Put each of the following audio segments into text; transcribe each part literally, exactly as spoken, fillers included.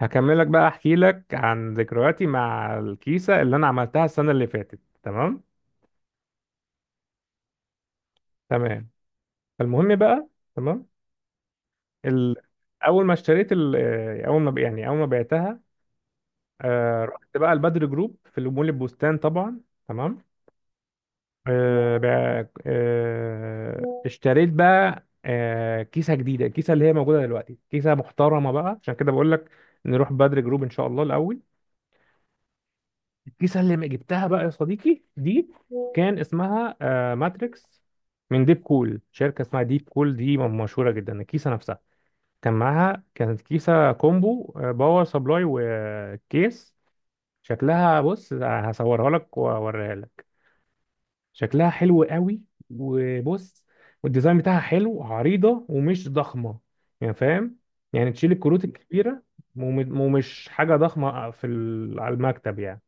هكملك بقى احكي لك عن ذكرياتي مع الكيسة اللي انا عملتها السنة اللي فاتت. تمام، تمام. فالمهم بقى، تمام. ال... اول ما اشتريت ال... آه، اول ما ب- يعني اول ما بعتها. آه، رحت بقى البدر جروب في مول البستان طبعا، تمام. آه، بع- آه، اشتريت بقى آه، كيسة جديدة، الكيسة اللي هي موجودة دلوقتي، كيسة محترمة بقى عشان كده بقول لك نروح بدر جروب ان شاء الله الاول. الكيسة اللي جبتها بقى يا صديقي دي كان اسمها آه، ماتريكس من ديب كول، شركة اسمها ديب كول دي م- مشهورة جدا. الكيسة نفسها كان معاها، كانت كيسة كومبو، آه، باور سبلاي وكيس. شكلها، بص هصورها لك واوريها لك، شكلها حلو قوي. وبص، والديزاين بتاعها حلو، عريضة ومش ضخمة يعني، فاهم؟ يعني تشيل الكروت الكبيرة وم- ومش حاجة ضخمة في ال- على المكتب يعني.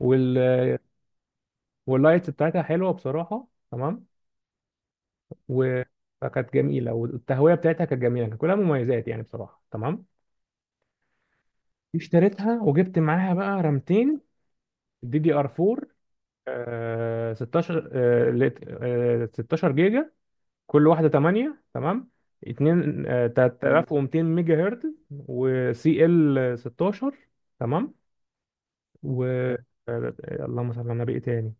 وال واللايتس بتاعتها حلوه بصراحه، تمام. و... فكانت جميله، والتهويه بتاعتها كانت جميله، كان كلها مميزات يعني بصراحه، تمام. اشتريتها وجبت معاها بقى رامتين دي دي ار اربعة، آه ستاشر آه لت- آه، ستاشر جيجا، كل واحده تمانية، تمام. اتنين آه تلت تلاف ومتين ميجا هرتز وسي ال ستاشر، تمام. و آه، اللهم صل على النبي، إيه تاني؟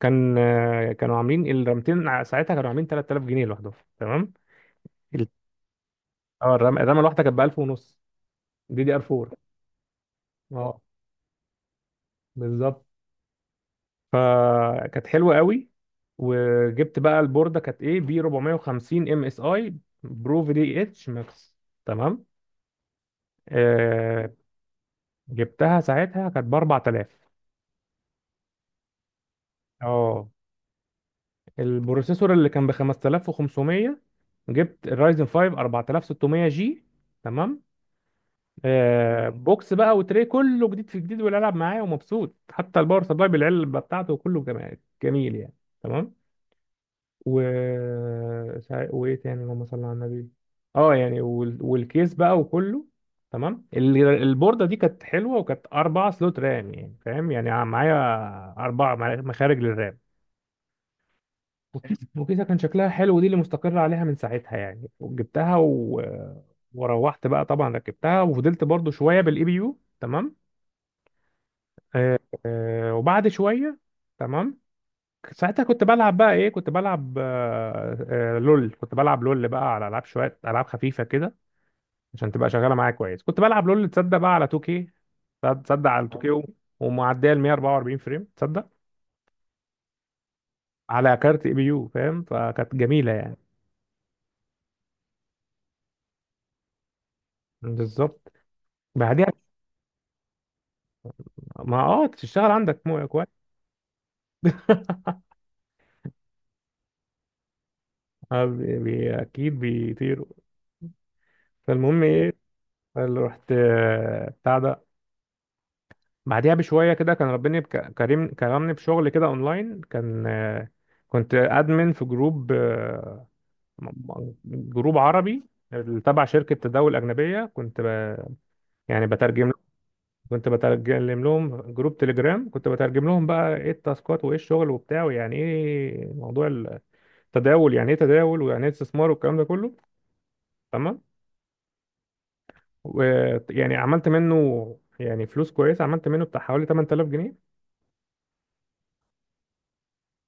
كان آه، كانوا عاملين الرامتين ع- ساعتها كانوا عاملين تلات آلاف جنيه لوحدهم، تمام. اه، الرمى الرمى الواحده كانت ب الف ونص، دي دي ار اربعة. اه بالظبط، فكانت حلوه قوي. وجبت بقى البورده، كانت ايه، بي اربعمية وخمسين ام اس اي برو في دي اتش ماكس، تمام. آه، جبتها ساعتها كانت ب اربعة آلاف. اه، البروسيسور اللي كان ب خمس تلاف وخمسمية، جبت الرايزن خمسة اربعة وستمية جي، تمام. آه، بوكس بقى، وتري كله جديد في جديد، والالعب معاه ومبسوط، حتى الباور سبلاي بالعلبه بتاعته كله جميل، جميل يعني، تمام. و سا- وايه تاني، اللهم صل على النبي. اه يعني وال... والكيس بقى وكله، تمام. ال- البورده دي كانت حلوه، وكانت اربع سلوت رام، يعني فاهم يعني ع- معايا، اربع مخارج للرام. وكيس، وكيسه كان شكلها حلو، دي اللي مستقر عليها من ساعتها يعني. وجبتها و... وروحت بقى طبعا ركبتها، وفضلت برضو شويه بالاي بي يو، تمام. آه، آه، وبعد شويه تمام، ساعتها كنت بلعب بقى ايه، كنت بلعب آه، آه، لول. كنت بلعب لول بقى، على العاب شويه، العاب خفيفه كده، عشان تبقى شغاله معايا كويس. كنت بلعب لول تصدق بقى على تو كيه، تصدق على تو كيه، ومعديه ال مية واربعة واربعين فريم تصدق، على كارت اي بي يو فاهم، فكانت جميله يعني. بالظبط. بعديها، ما اه تشتغل عندك مو كويس. آه، بي- بي- اكيد بيطيروا. فالمهم ايه، اللي رحت آه، بتاع ده، بعديها بشويه كده كان ربنا بك... كريم، كرمني بشغل كده اونلاين. كان آه، كنت ادمن في جروب آه، م- م- جروب عربي تبع شركه تداول اجنبيه. كنت ب... يعني بترجم، كنت بترجم لهم جروب تليجرام، كنت بترجم لهم بقى ايه التاسكات وايه الشغل وبتاع، ويعني ايه موضوع التداول، يعني ايه تداول، ويعني ايه استثمار والكلام ده كله، تمام. ويعني عملت منه يعني فلوس كويسه، عملت منه بتاع حوالي تمن آلاف جنيه.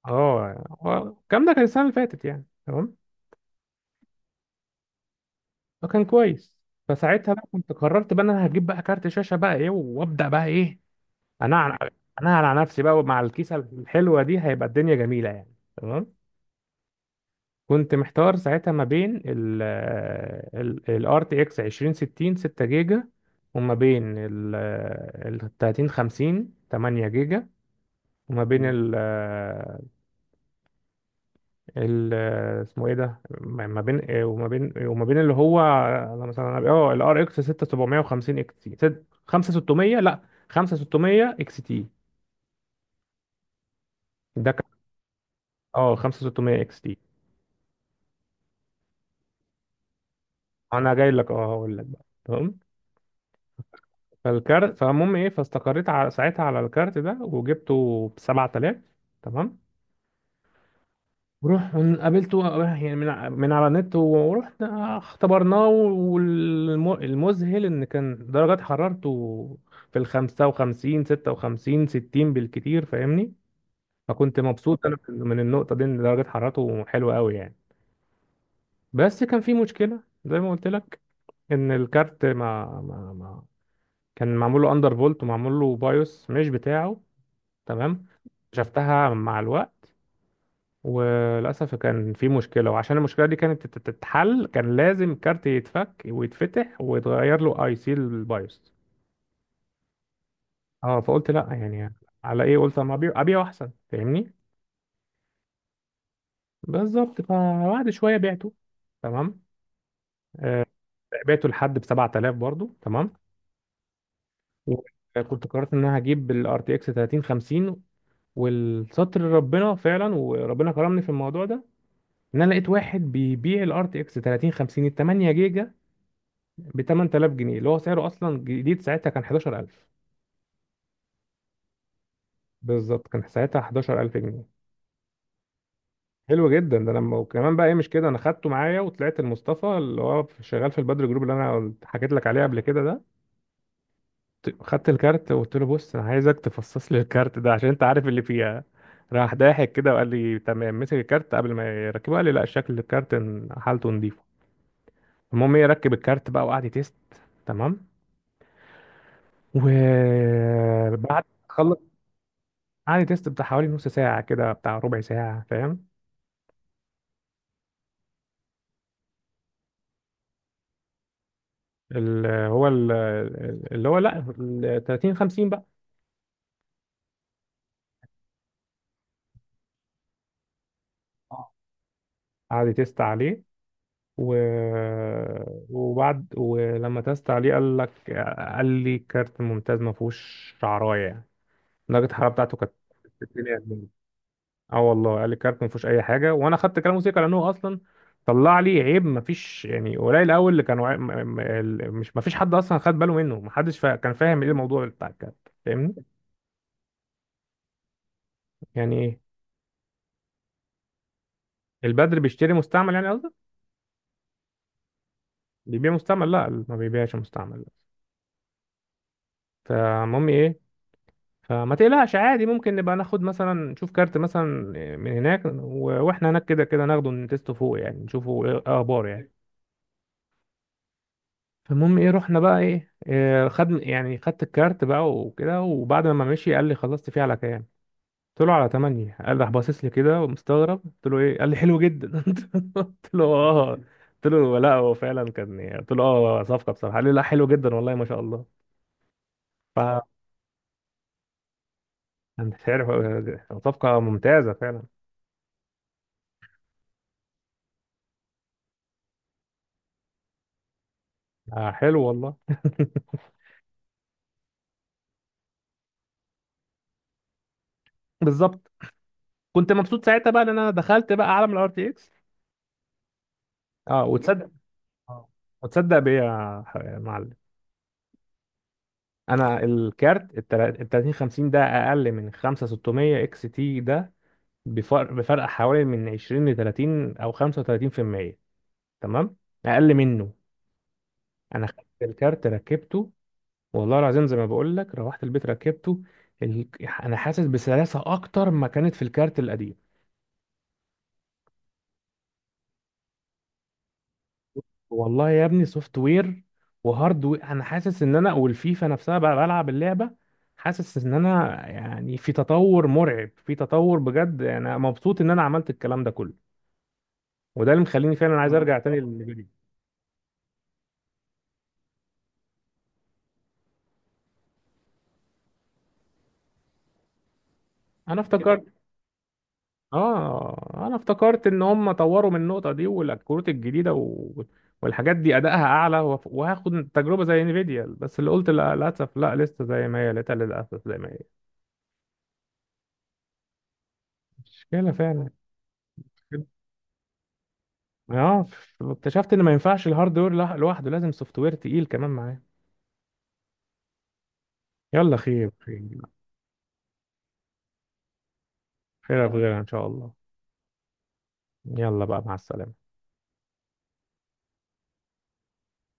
اه هو الكلام ده كان السنه اللي فاتت يعني، تمام، فكان كويس. فساعتها بقى كنت قررت بقى ان انا هجيب بقى كارت شاشه بقى ايه، وابدا بقى ايه انا، انا على نفسي بقى. مع الكيسه الحلوه دي هيبقى الدنيا جميله يعني، تمام. كنت محتار ساعتها ما بين ال ال ال ار تي اكس عشرين ستين ستة جيجا، وما بين ال ال تلاتين خمسين تمانية جيجا، وما بين مم. ال ال- اسمه ايه ده، ما ما بين إيه وما بين إيه، وما بين اللي هو انا مثلا أنا- اه الار اكس سيكس سفن فايف او اكس تي، خمسة وستمية لا، خمسة وستمية اكس تي. ده كان اه خمسة وستمية اكس تي. انا جاي لك، اه هقول لك بقى، تمام. فالكارت فالمهم ايه، فاستقريت على ساعتها على الكارت ده وجبته ب سبعة آلاف، تمام. وروح، قابلته يعني من، من على النت، ورحنا اختبرناه. والمذهل ان كان درجات حرارته في ال خمسة وخمسين، ستة وخمسين، ستين بالكتير فاهمني، فكنت مبسوط انا من النقطة دي، ان درجات حرارته حلوة قوي يعني. بس كان في مشكلة زي ما قلت لك، ان الكارت ما ما ما كان معمول له اندر فولت ومعمول له بايوس مش بتاعه، تمام. شفتها مع الوقت، وللأسف كان في مشكلة، وعشان المشكلة دي كانت تت- تتحل كان لازم كارت يتفك ويتفتح ويتغير له اي سي البايوس. اه فقلت لا يعني، على ايه، قلت اما ابيع ابيع احسن فاهمني. بالظبط، فبعد شوية بعته، تمام. آه، بعته لحد ب سبعة آلاف برضو، تمام. وكنت قررت ان انا هجيب الار تي اكس تلاتين خمسين، والستر ربنا فعلا وربنا كرمني في الموضوع ده، ان انا لقيت واحد بيبيع الار تي اكس تلاتين خمسين ال تمانية جيجا ب تمانية آلاف جنيه، اللي هو سعره اصلا جديد ساعتها كان حداشر الف. بالظبط كان ساعتها احد عشر الف جنيه. حلو جدا ده، انا م- وكمان بقى ايه مش كده، انا خدته معايا وطلعت المصطفى اللي هو شغال في البدر جروب، اللي انا قلت- حكيت لك عليه قبل كده ده. ت- خدت الكارت وقلت له بص انا عايزك تفصص لي الكارت ده عشان انت عارف اللي فيها. راح ضاحك كده وقال لي تمام، مسك الكارت قبل ما يركبه قال لي لا، شكل الكارت ن- حالته نظيفه. المهم ايه، ركب الكارت بقى وقعد يتست، تمام. وبعد، عادي، تيست بتاع حوالي نص ساعة كده، بتاع ربع ساعة فاهم. اللي هو ال- اللي هو لا ال تلاتين خمسين بقى. اه عادي تيست عليه، و... وبعد، ولما تيست عليه قال لك، قال لي كارت ممتاز ما فيهوش شعرايه يعني، درجة الحرارة بتاعته كانت ستين يعني. اه والله، قال لي كارت ما فيهوش اي حاجة، وانا خدت كلامه سيكا لانه اصلا طلع لي عيب ما فيش يعني. قليل قوي اللي كانوا عي- م- م- ال- مش، ما فيش حد اصلا خد باله منه، ما حدش فا... كان فاهم ايه الموضوع بتاع الكارت فاهمني. يعني ايه، البدر بيشتري مستعمل يعني قصدك؟ بيبيع مستعمل، لا ما بيبيعش مستعمل. فالمهم ايه، فما تقلقش، عادي ممكن نبقى ناخد مثلا، نشوف كارت مثلا من هناك و- واحنا هناك كده كده، ناخده نتسته فوق يعني، نشوفه ايه اخبار يعني. فالمهم ايه، رحنا بقى ايه، إيه، خد يعني خدت الكارت بقى وكده، وبعد ما مشي قال لي خلصت فيه على كام، قلت له على تمانية، قال راح باصص لي كده ومستغرب. قلت له ايه، قال لي حلو جدا. قلت له اه، قلت له لا هو فعلا كان يعني، قلت له اه صفقه بصراحه، قال لي لا حلو جدا والله ما شاء الله. فانا مش عارف، صفقه ممتازه فعلا. آه حلو والله. بالظبط. كنت مبسوط ساعتها بقى ان انا دخلت بقى عالم الار تي اكس. اه وتصدق، اه وتصدق بيا يا ح- يا معلم، انا الكارت ال تلاتين خمسين ده اقل من خمسة وستمية اكس تي ده، بفرق بفرق حوالي من عشرين ل تلاتين او خمسة وتلاتين في المية، تمام، اقل منه. انا خدت الكارت ركبته، والله العظيم زي ما بقول لك روحت البيت ركبته. ال... انا حاسس بسلاسه اكتر ما كانت في الكارت القديم. والله يا ابني سوفت وير وهارد وير، انا حاسس ان انا والفيفا نفسها بقى بلعب اللعبه، حاسس ان انا يعني في تطور مرعب، في تطور بجد، انا مبسوط ان انا عملت الكلام ده كله، وده اللي مخليني فعلا عايز ارجع تاني للفيديو. انا افتكرت، اه انا افتكرت ان هم طوروا من النقطه دي والكروت الجديده و... والحاجات دي ادائها اعلى، وف- وهاخد تجربه زي انفيديا، بس اللي قلت لا للاسف، لا لسه زي ما هي، لقيتها للاسف زي ما هي. مشكله فعلا، مشكلة. اه، اكتشفت ان ما ينفعش الهاردوير لوح- لوحده، لازم سوفت وير تقيل كمان معاه. يلا، خير خير، خير في غيرها ان شاء الله. يلا بقى، مع السلامه.